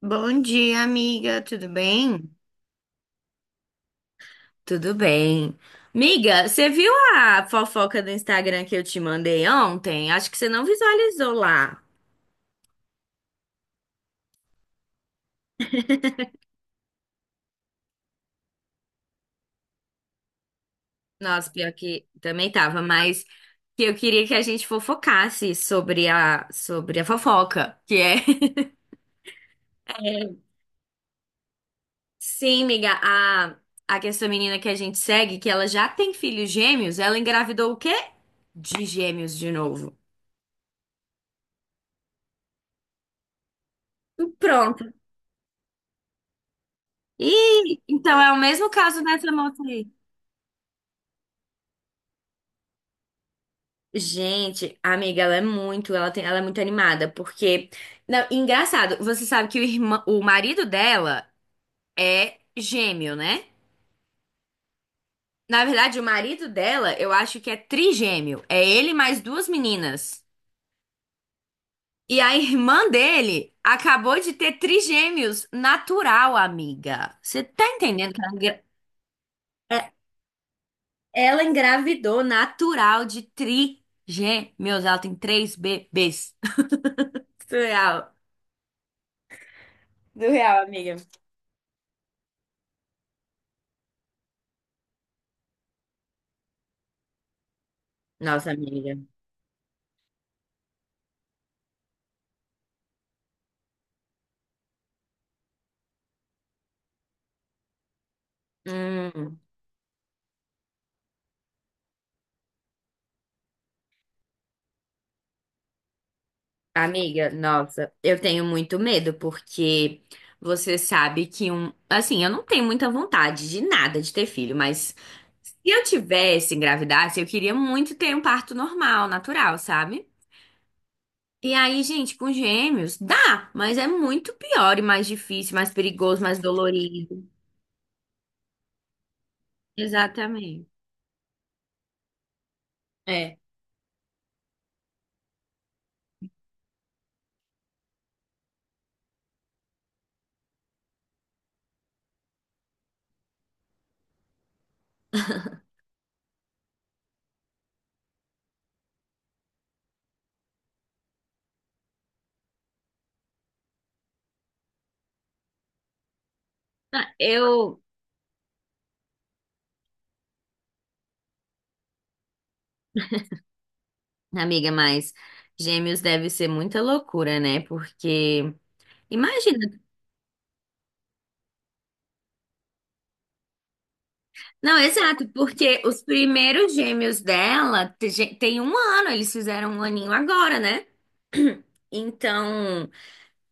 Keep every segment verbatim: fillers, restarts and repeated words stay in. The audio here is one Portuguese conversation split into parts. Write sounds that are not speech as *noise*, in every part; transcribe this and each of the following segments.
Bom dia, amiga. Tudo bem? Tudo bem. Amiga, você viu a fofoca do Instagram que eu te mandei ontem? Acho que você não visualizou lá. Nossa, pior que também tava, mas que eu queria que a gente fofocasse sobre a sobre a fofoca, que é *laughs* Sim, amiga. a a que essa menina que a gente segue, que ela já tem filhos gêmeos, ela engravidou o quê? De gêmeos de novo. Pronto. E então é o mesmo caso dessa moça aí. Gente, amiga, ela é muito, ela tem, ela é muito animada, porque, não, engraçado, você sabe que o irmã, o marido dela é gêmeo, né? Na verdade, o marido dela, eu acho que é trigêmeo. É ele mais duas meninas. E a irmã dele acabou de ter trigêmeos natural, amiga. Você tá entendendo que ela, engra- é- ela engravidou natural de trigêmeos? Ela tem três bebês. *laughs* Surreal. Surreal, amiga. Nossa, amiga. Hum, amiga, nossa, eu tenho muito medo porque você sabe que um, assim, eu não tenho muita vontade de nada de ter filho, mas se eu tivesse engravidasse, eu queria muito ter um parto normal, natural, sabe? E aí, gente, com gêmeos dá, mas é muito pior e mais difícil, mais perigoso, mais dolorido. Exatamente. É. Ah, eu, amiga, mas gêmeos deve ser muita loucura, né? Porque imagina. Não, exato, porque os primeiros gêmeos dela te- ge- tem um ano, eles fizeram um aninho agora, né? *clears throat* Então,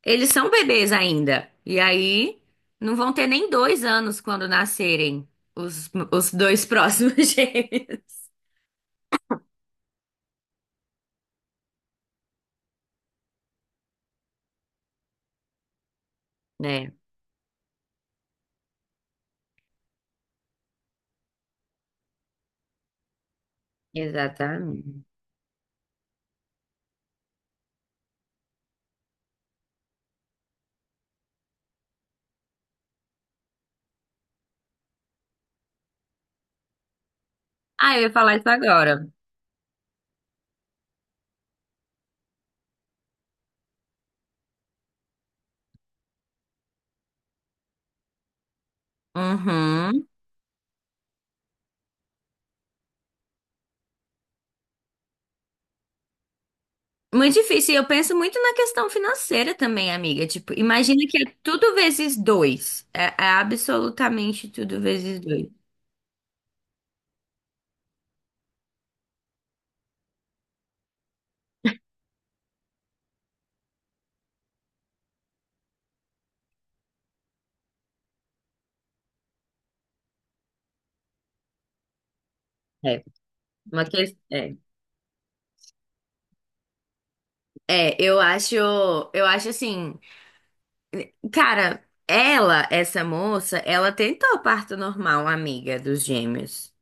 eles são bebês ainda. E aí, não vão ter nem dois anos quando nascerem os, os dois próximos *laughs* gêmeos. É, exatamente. Ah, eu ia falar isso agora. Uhum. Muito difícil. E eu penso muito na questão financeira também, amiga. Tipo, imagina que é tudo vezes dois. É, é absolutamente tudo vezes dois. É, uma que é. É, eu acho, eu acho assim, cara, ela, essa moça, ela tentou parto normal, amiga dos gêmeos.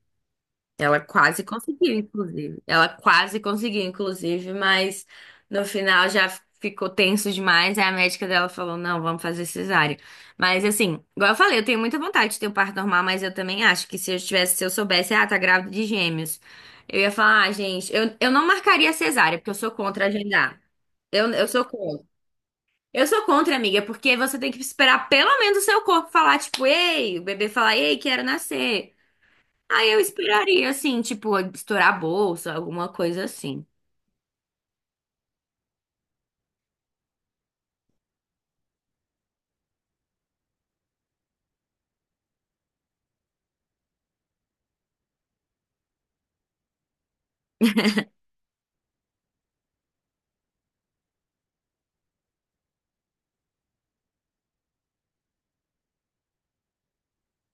Ela quase conseguiu, inclusive. Ela quase conseguiu, inclusive, mas no final já ficou tenso demais. Aí a médica dela falou: não, vamos fazer cesárea. Mas assim, igual eu falei, eu tenho muita vontade de ter um parto normal, mas eu também acho que se eu tivesse, se eu soubesse, ah, tá grávida de gêmeos, eu ia falar, ah, gente, eu, eu não marcaria cesárea, porque eu sou contra agendar. Eu, eu sou contra. Eu sou contra, amiga, porque você tem que esperar pelo menos o seu corpo falar, tipo, ei, o bebê falar, ei, quero nascer. Aí eu esperaria, assim, tipo, estourar a bolsa, alguma coisa assim.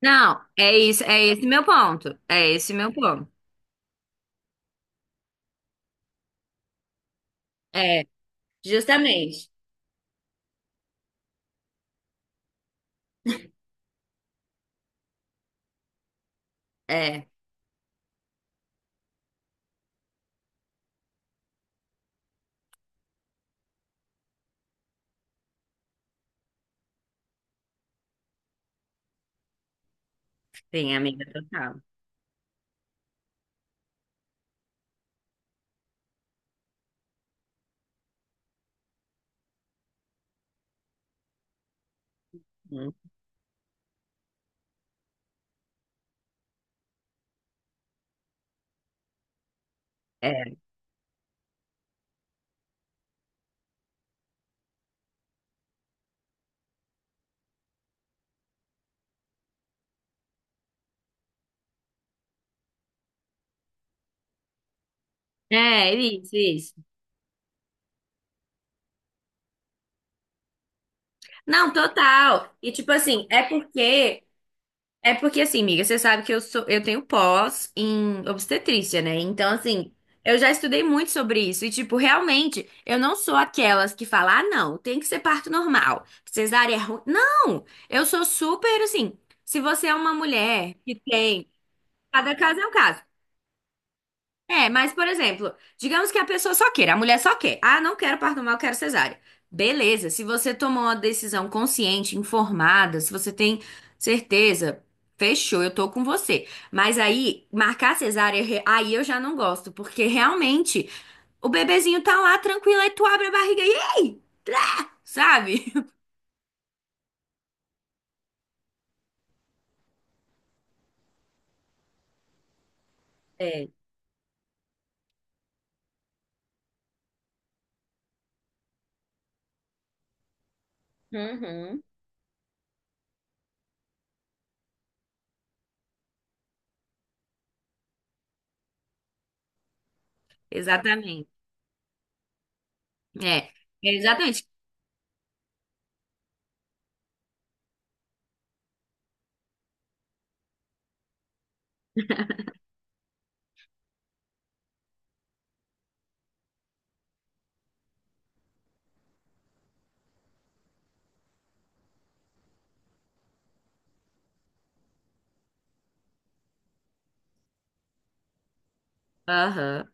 Não, é isso, é esse meu ponto. É esse meu ponto. É, justamente. É, sim, amiga, total. Hum, É, é isso, isso. Não, total. E tipo assim, é porque É porque assim, amiga, você sabe que eu sou, eu tenho pós em obstetrícia, né? Então, assim, eu já estudei muito sobre isso e tipo, realmente, eu não sou aquelas que falam, ah, não, tem que ser parto normal, cesárea é ruim. Não, eu sou super assim. Se você é uma mulher que tem, cada caso é um caso. É, mas, por exemplo, digamos que a pessoa só queira, a mulher só quer. Ah, não quero parto normal, quero cesárea. Beleza, se você tomou uma decisão consciente, informada, se você tem certeza, fechou, eu tô com você. Mas aí, marcar cesárea, re- aí eu já não gosto, porque realmente o bebezinho tá lá tranquilo, aí tu abre a barriga e ei, sabe? *laughs* É. Uhum. Exatamente. É, exatamente. Aham.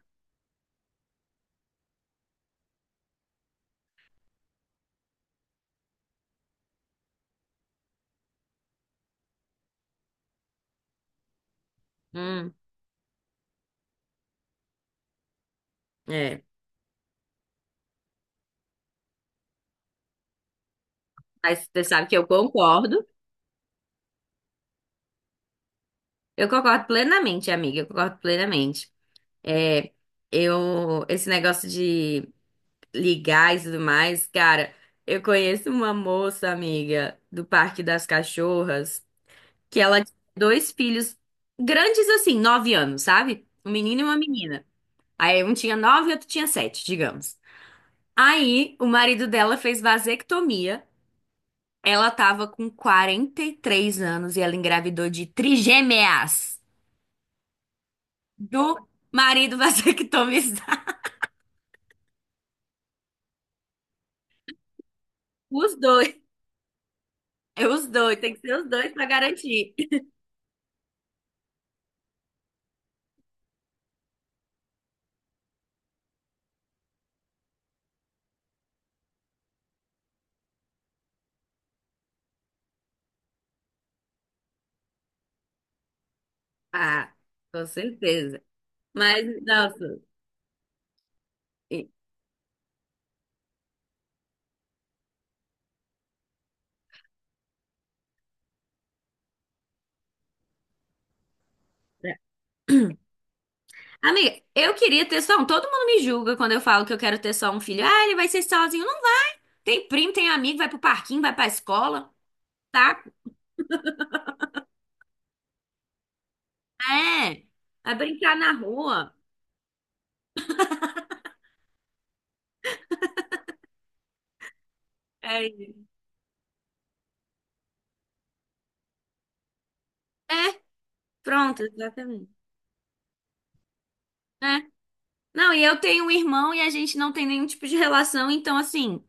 Hum, é. Mas você sabe que eu concordo. Eu concordo plenamente, amiga, eu concordo plenamente. É, eu, esse negócio de ligar e tudo mais, cara, eu conheço uma moça, amiga, do Parque das Cachorras, que ela tinha dois filhos grandes assim, nove anos, sabe? Um menino e uma menina. Aí um tinha nove e outro tinha sete, digamos. Aí o marido dela fez vasectomia, ela tava com quarenta e três anos e ela engravidou de trigêmeas, do marido vasectomizado. *laughs* Os dois, é os dois, tem que ser os dois para garantir. Ah, com certeza. Mas, nossa. e- é. Amiga, eu queria ter só um. Todo mundo me julga quando eu falo que eu quero ter só um filho. Ah, ele vai ser sozinho. Não, tem primo, tem amigo, vai pro parquinho, vai pra escola, tá? É. Vai brincar na rua. É, é, pronto, exatamente. É. Não, e eu tenho um irmão e a gente não tem nenhum tipo de relação, então assim.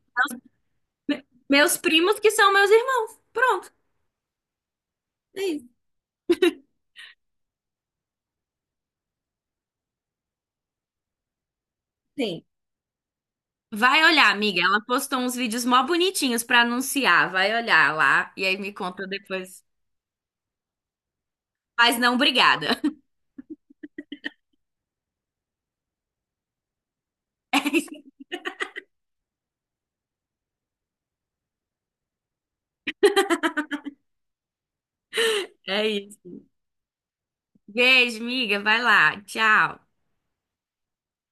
Me- Meus primos que são meus irmãos. Pronto, é isso. Sim. Vai olhar, amiga. Ela postou uns vídeos mó bonitinhos pra anunciar. Vai olhar lá e aí me conta depois. Mas não, obrigada. *laughs* É isso. É isso. Beijo, amiga. Vai lá. Tchau.